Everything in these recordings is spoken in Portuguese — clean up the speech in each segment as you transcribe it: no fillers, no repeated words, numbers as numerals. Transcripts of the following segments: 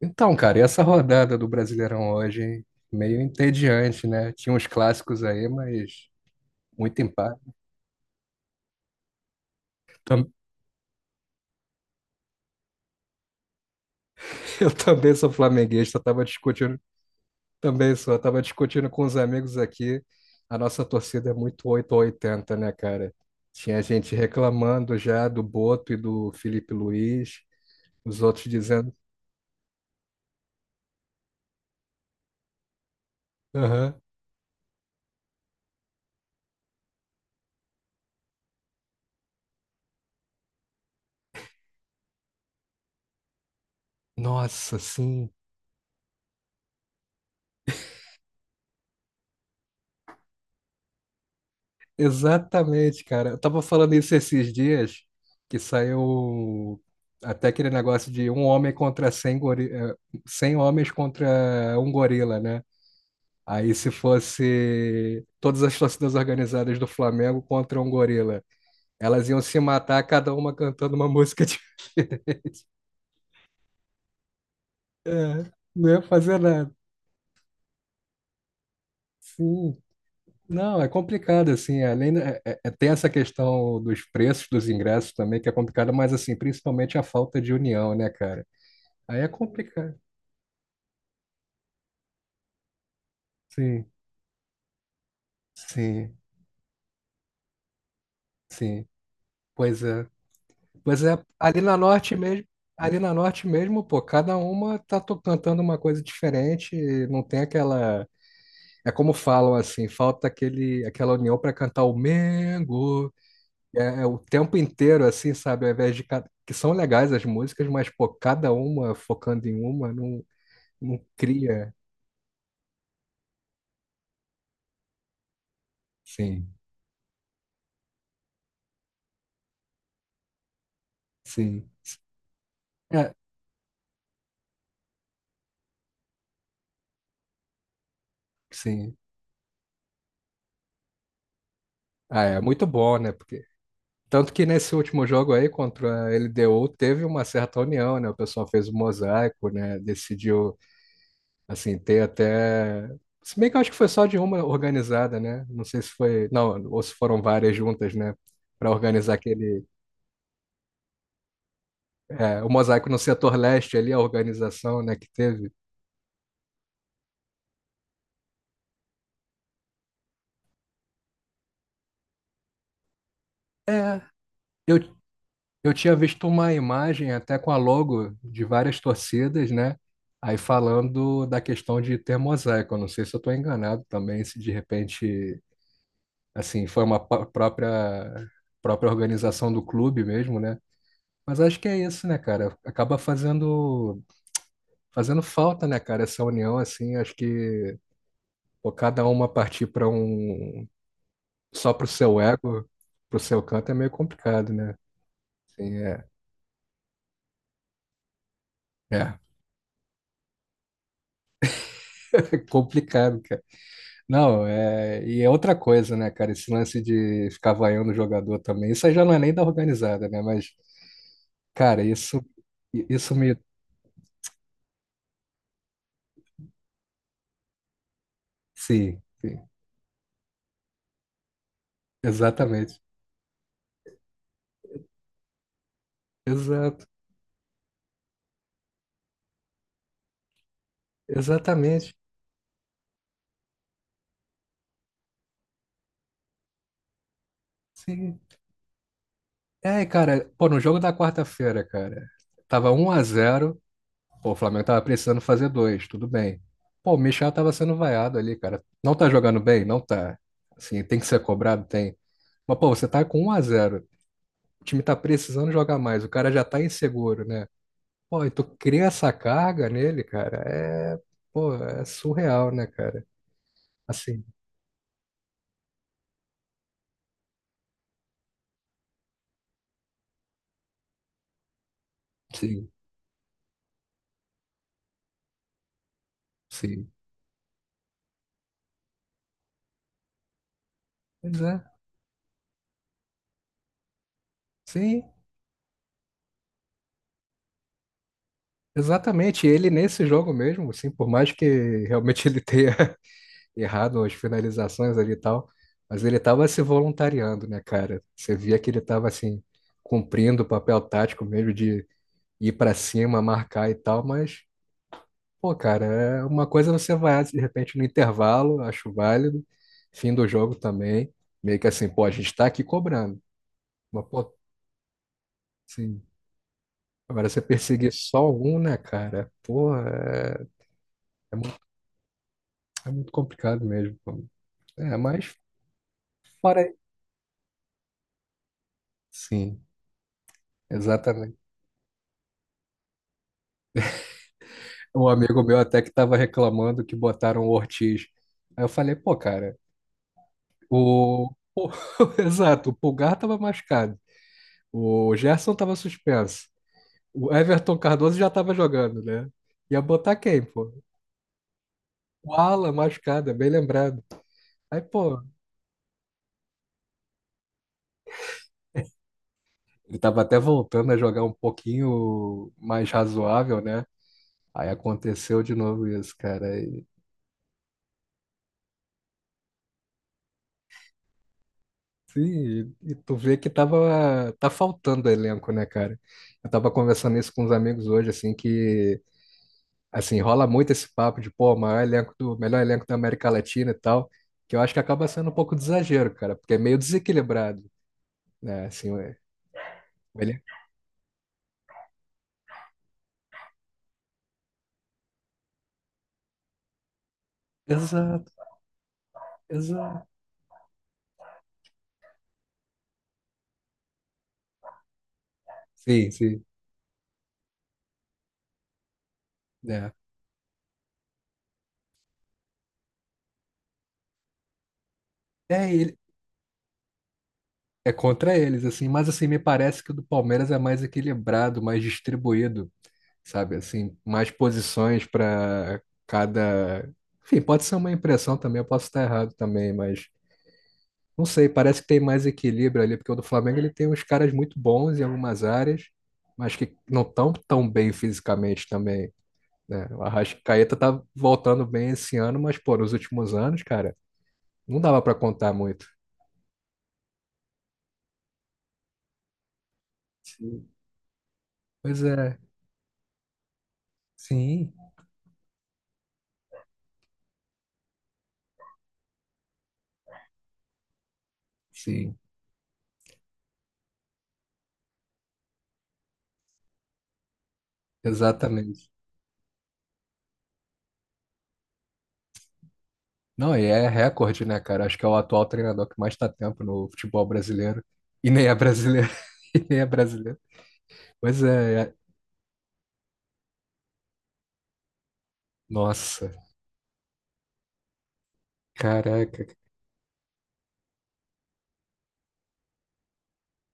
Então, cara, e essa rodada do Brasileirão hoje, hein? Meio entediante, né? Tinha uns clássicos aí, mas muito empate. Tam- Eu também sou flamenguista, tava discutindo, também sou, tava discutindo com os amigos aqui. A nossa torcida é muito 8 ou 80, né, cara? Tinha gente reclamando já do Boto e do Felipe Luiz, os outros dizendo, aham. Nossa, sim. Exatamente, cara. Eu tava falando isso esses dias, que saiu até aquele negócio de um homem contra 100 100 homens contra um gorila, né? Aí se fosse todas as torcidas organizadas do Flamengo contra um gorila, elas iam se matar, cada uma cantando uma música de... É, não ia fazer nada. Sim. Não, é complicado, assim, além, tem essa questão dos preços dos ingressos também, que é complicada, mas, assim, principalmente a falta de união, né, cara? Aí é complicado. Sim, sim, sim. Pois é. Pois é, ali na norte mesmo, pô, cada uma tá cantando uma coisa diferente, e não tem aquela, é como falam assim, falta aquele aquela união para cantar o Mengo. É, é o tempo inteiro assim, sabe, ao invés de que são legais as músicas, mas pô, cada uma focando em uma não cria. Sim, sim. É, sim. Ah, é muito bom, né? Porque tanto que nesse último jogo aí contra a LDU teve uma certa união, né? O pessoal fez o mosaico, né? Decidiu, assim, ter até. Se bem que eu acho que foi só de uma organizada, né? Não sei se foi. Não, ou se foram várias juntas, né? Para organizar aquele. É, o mosaico no setor leste ali, a organização, né? Que teve. É, eu, eu tinha visto uma imagem até com a logo de várias torcidas, né? Aí falando da questão de ter mosaico, eu não sei se eu estou enganado também, se de repente assim, foi uma própria organização do clube mesmo, né? Mas acho que é isso, né, cara? Acaba fazendo falta, né, cara, essa união, assim, acho que pô, cada uma partir para um, só pro seu ego, pro seu canto é meio complicado, né? Assim, é. É complicado, cara. Não, é... e é outra coisa, né, cara? Esse lance de ficar vaiando o jogador também. Isso aí já não é nem da organizada, né? Mas, cara, isso me. Sim. Sim. Exatamente. Exato. Exatamente. Sim. É, cara, pô, no jogo da quarta-feira, cara, tava um a zero. Pô, o Flamengo tava precisando fazer dois, tudo bem. Pô, o Michel tava sendo vaiado ali, cara. Não tá jogando bem? Não tá. Assim, tem que ser cobrado? Tem. Mas, pô, você tá com um a zero, o time tá precisando jogar mais, o cara já tá inseguro, né? Pô, e tu cria essa carga nele, cara, é, pô, é surreal, né, cara? Assim, sim, sim. Pois é. Sim. Exatamente, ele nesse jogo mesmo, assim, por mais que realmente ele tenha errado as finalizações ali e tal, mas ele tava se voluntariando, né, cara? Você via que ele tava, assim, cumprindo o papel tático mesmo de ir pra cima, marcar e tal, mas, pô, cara, é uma coisa, você vai, de repente, no intervalo, acho válido, fim do jogo também, meio que assim, pô, a gente tá aqui cobrando, mas, pô, assim, agora você perseguir só um, né, cara? Pô, é muito é muito complicado mesmo. É, mas fora. Sim, exatamente. Um amigo meu até que estava reclamando que botaram o Ortiz. Aí eu falei, pô, cara, o. o- Exato, o Pulgar estava machucado. O Gerson estava suspenso. O Everton Cardoso já estava jogando, né? Ia botar quem, pô? O Alan machucado, é bem lembrado. Aí, pô, ele tava até voltando a jogar um pouquinho mais razoável, né? Aí aconteceu de novo isso, cara. Sim, e tu vê que tava, tá faltando elenco, né, cara? Eu tava conversando isso com uns amigos hoje, assim, que, assim, rola muito esse papo de, pô, maior elenco do, melhor elenco da América Latina e tal, que eu acho que acaba sendo um pouco de exagero, cara, porque é meio desequilibrado, né, assim, é, ele... Exato, exato. Sim, sim, né? É, ele, é contra eles, assim, mas, assim, me parece que o do Palmeiras é mais equilibrado, mais distribuído, sabe? Assim, mais posições para cada. Enfim, pode ser uma impressão também, eu posso estar errado também, mas não sei, parece que tem mais equilíbrio ali, porque o do Flamengo ele tem uns caras muito bons em algumas áreas, mas que não estão tão bem fisicamente também, né? O Arrascaeta tá voltando bem esse ano, mas, pô, nos últimos anos, cara, não dava para contar muito. Sim. Pois é, sim, sim, exatamente. Não, e é recorde, né, cara? Acho que é o atual treinador que mais está tempo no futebol brasileiro. E nem é brasileiro. E nem é brasileiro. Pois é, nossa, caraca.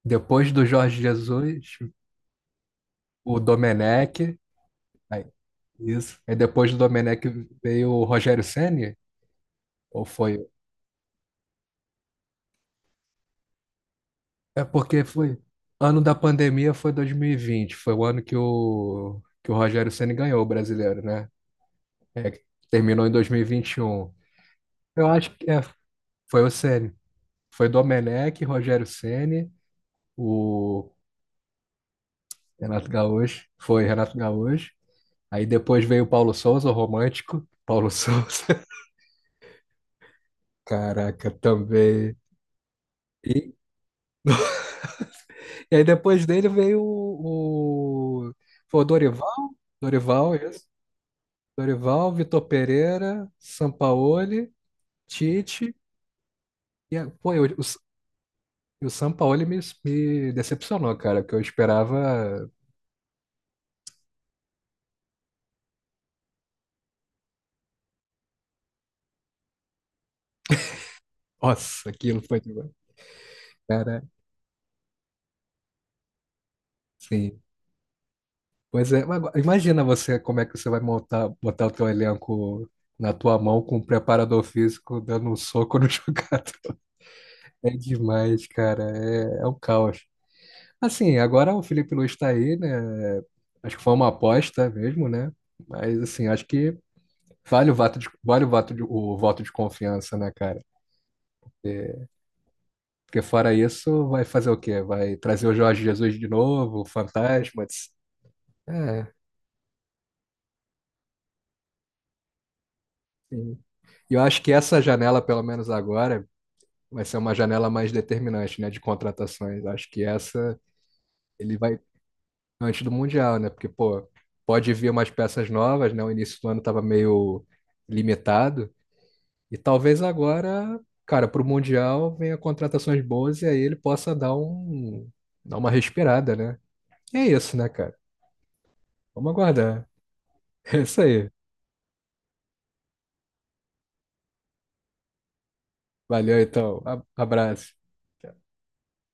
Depois do Jorge Jesus, o Domenech. Aí, isso. Aí depois do Domenech veio o Rogério Ceni? Ou foi? É porque foi. Ano da pandemia foi 2020. Foi o ano que o Rogério Ceni ganhou o brasileiro, né? É, que terminou em 2021. Eu acho que é, foi o Ceni. Foi Domenech, Rogério Ceni, o Renato Gaúcho. Foi Renato Gaúcho. Aí depois veio o Paulo Souza, o romântico. Paulo Souza. Caraca, também. E, e aí depois dele veio foi o Dorival. Dorival, isso. Dorival, Vitor Pereira, Sampaoli, Tite. E, pô, o Sampaoli me decepcionou, cara, que eu esperava. Nossa, aquilo foi demais. Cara, sim. Pois é, mas agora, imagina você como é que você vai montar, botar o teu elenco na tua mão com um preparador físico dando um soco no jogador. É demais, cara. É um caos. Assim, agora o Felipe Luiz tá aí, né? Acho que foi uma aposta mesmo, né? Mas assim, acho que vale o voto de, vale o voto de confiança, né, cara? Porque fora isso, vai fazer o quê? Vai trazer o Jorge Jesus de novo, o Fantasma. É, sim. E eu acho que essa janela, pelo menos agora, vai ser uma janela mais determinante, né, de contratações. Acho que essa ele vai antes do Mundial, né? Porque, pô, pode vir umas peças novas, né? O início do ano estava meio limitado. E talvez agora, cara, para o Mundial venha contratações boas e aí ele possa dar uma respirada, né? E é isso, né, cara? Vamos aguardar. É isso aí. Valeu, então. Abraço.